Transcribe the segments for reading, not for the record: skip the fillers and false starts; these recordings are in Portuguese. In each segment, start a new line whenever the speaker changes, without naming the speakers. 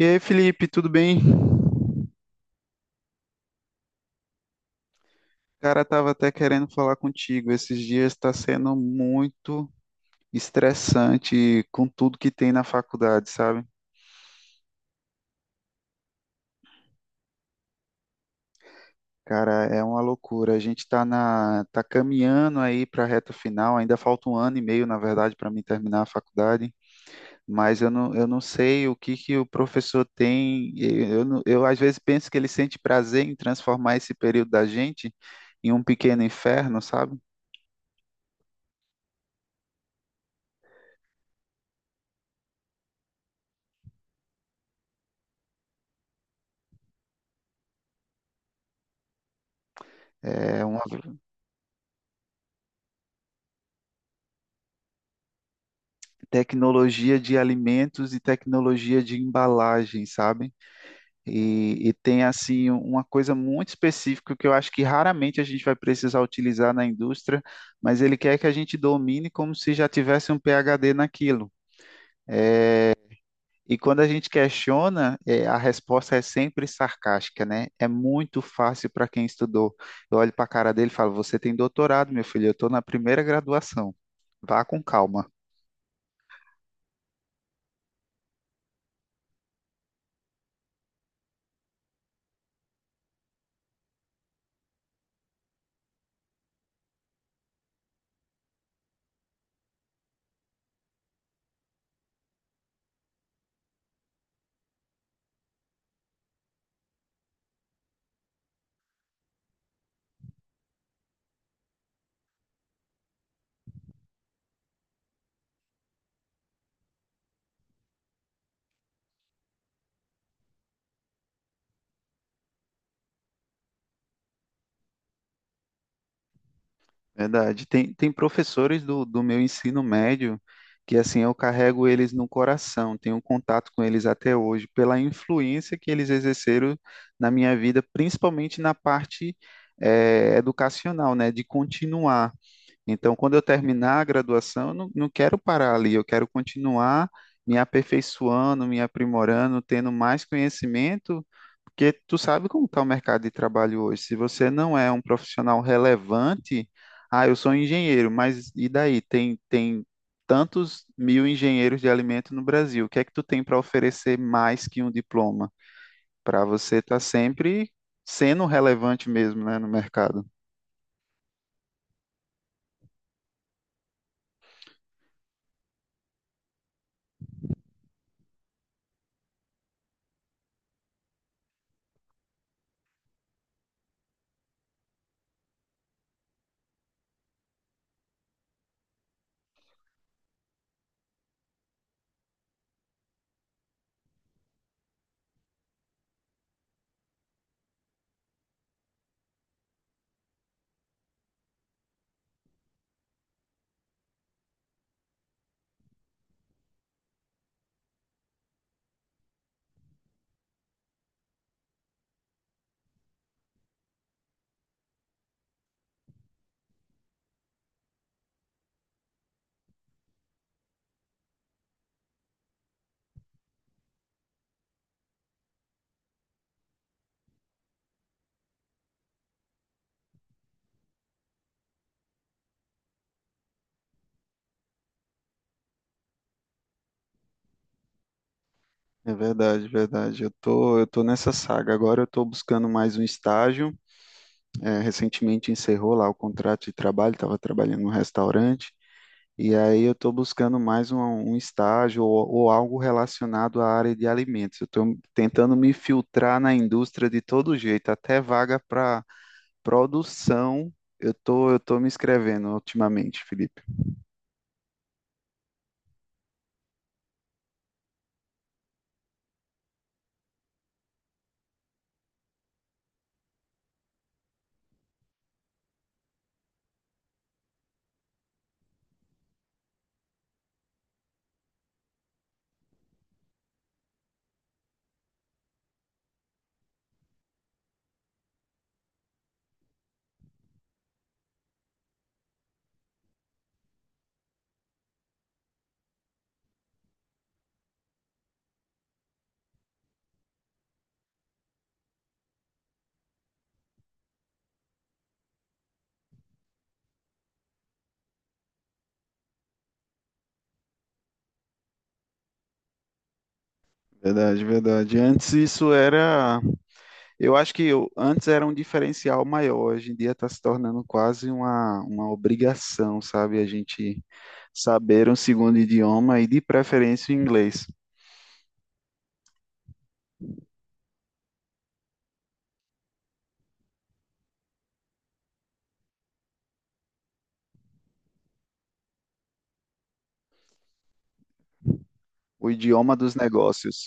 E aí, Felipe, tudo bem? Cara, tava até querendo falar contigo. Esses dias está sendo muito estressante com tudo que tem na faculdade, sabe? Cara, é uma loucura. A gente tá caminhando aí para a reta final. Ainda falta um ano e meio, na verdade, para mim terminar a faculdade. Mas eu não sei o que que o professor tem. Eu, não- Eu às vezes penso que ele sente prazer em transformar esse período da gente em um pequeno inferno, sabe? É uma, tecnologia de alimentos e tecnologia de embalagem, sabe? E tem assim uma coisa muito específica que eu acho que raramente a gente vai precisar utilizar na indústria, mas ele quer que a gente domine como se já tivesse um PhD naquilo. E quando a gente questiona, a resposta é sempre sarcástica, né? É muito fácil para quem estudou. Eu olho para a cara dele e falo: Você tem doutorado, meu filho, eu estou na primeira graduação. Vá com calma. Verdade. Tem professores do meu ensino médio que, assim, eu carrego eles no coração, tenho contato com eles até hoje, pela influência que eles exerceram na minha vida, principalmente na parte, educacional, né, de continuar. Então, quando eu terminar a graduação, eu não, não quero parar ali, eu quero continuar me aperfeiçoando, me aprimorando, tendo mais conhecimento, porque tu sabe como está o mercado de trabalho hoje. Se você não é um profissional relevante, ah, eu sou um engenheiro, mas e daí? Tem tantos mil engenheiros de alimento no Brasil. O que é que tu tem para oferecer mais que um diploma? Para você estar sempre sendo relevante mesmo, né, no mercado. É verdade, verdade. Eu tô nessa saga. Agora eu tô buscando mais um estágio. É, recentemente encerrou lá o contrato de trabalho, estava trabalhando num restaurante. E aí eu tô buscando mais um estágio ou algo relacionado à área de alimentos. Eu tô tentando me filtrar na indústria de todo jeito, até vaga para produção. Eu tô me inscrevendo ultimamente, Felipe. Verdade, verdade. Antes isso era. Eu acho que eu- Antes era um diferencial maior, hoje em dia está se tornando quase uma obrigação, sabe? A gente saber um segundo idioma e, de preferência, o inglês, o idioma dos negócios.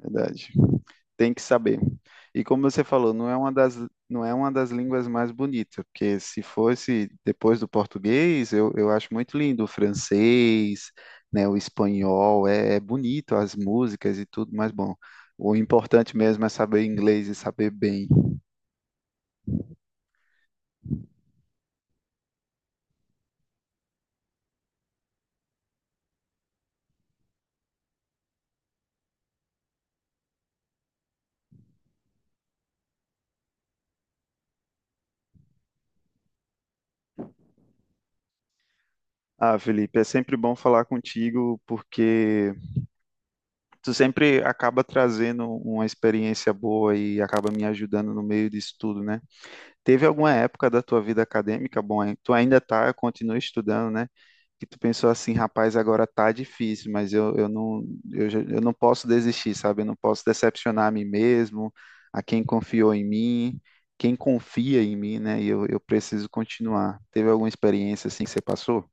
Verdade. Tem que saber. E como você falou, não é uma das línguas mais bonitas, porque se fosse depois do português, eu acho muito lindo o francês, né, o espanhol, é, é bonito as músicas e tudo, mas bom, o importante mesmo é saber inglês e saber bem. Ah, Felipe, é sempre bom falar contigo, porque tu sempre acaba trazendo uma experiência boa e acaba me ajudando no meio disso tudo, né? Teve alguma época da tua vida acadêmica, bom, hein, tu ainda tá, continua estudando, né? Que tu pensou assim, rapaz, agora tá difícil, mas eu não posso desistir, sabe? Eu não posso decepcionar a mim mesmo, a quem confiou em mim, quem confia em mim, né? E eu preciso continuar. Teve alguma experiência assim que você passou?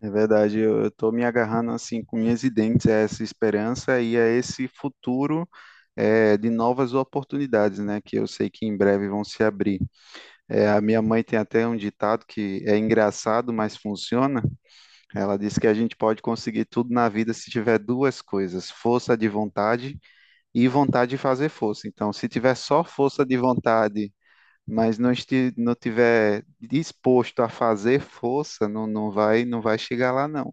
É verdade, eu estou me agarrando assim com unhas e dentes a essa esperança e a esse futuro, de novas oportunidades, né? Que eu sei que em breve vão se abrir. A minha mãe tem até um ditado que é engraçado, mas funciona. Ela diz que a gente pode conseguir tudo na vida se tiver duas coisas: força de vontade e vontade de fazer força. Então, se tiver só força de vontade, mas não tiver disposto a fazer força, não vai, não vai chegar lá, não.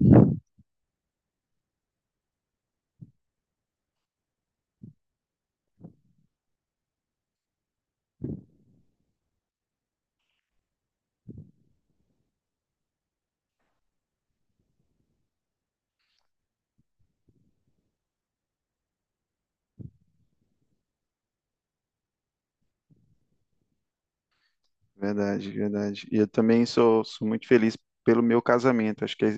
Verdade, verdade. E eu também sou muito feliz pelo meu casamento. Acho que a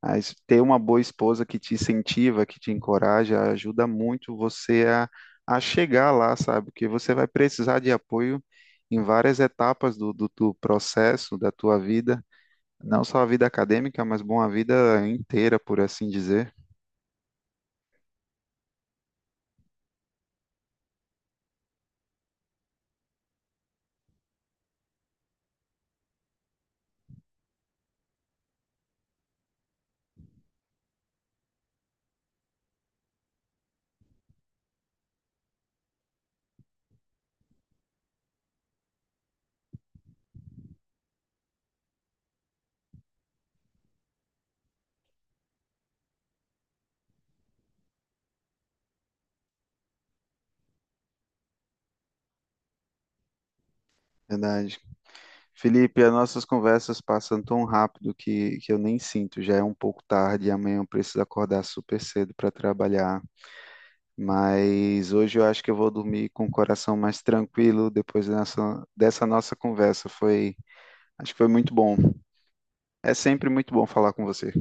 a es- ter uma boa esposa que te incentiva, que te encoraja, ajuda muito você a chegar lá, sabe? Porque você vai precisar de apoio em várias etapas do processo, da tua vida. Não só a vida acadêmica, mas bom, a vida inteira, por assim dizer. Verdade. Felipe, as nossas conversas passam tão rápido que eu nem sinto. Já é um pouco tarde e amanhã eu preciso acordar super cedo para trabalhar. Mas hoje eu acho que eu vou dormir com o coração mais tranquilo depois dessa nossa conversa. Foi, acho que foi muito bom. É sempre muito bom falar com você.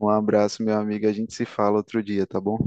Um abraço, meu amigo. A gente se fala outro dia, tá bom?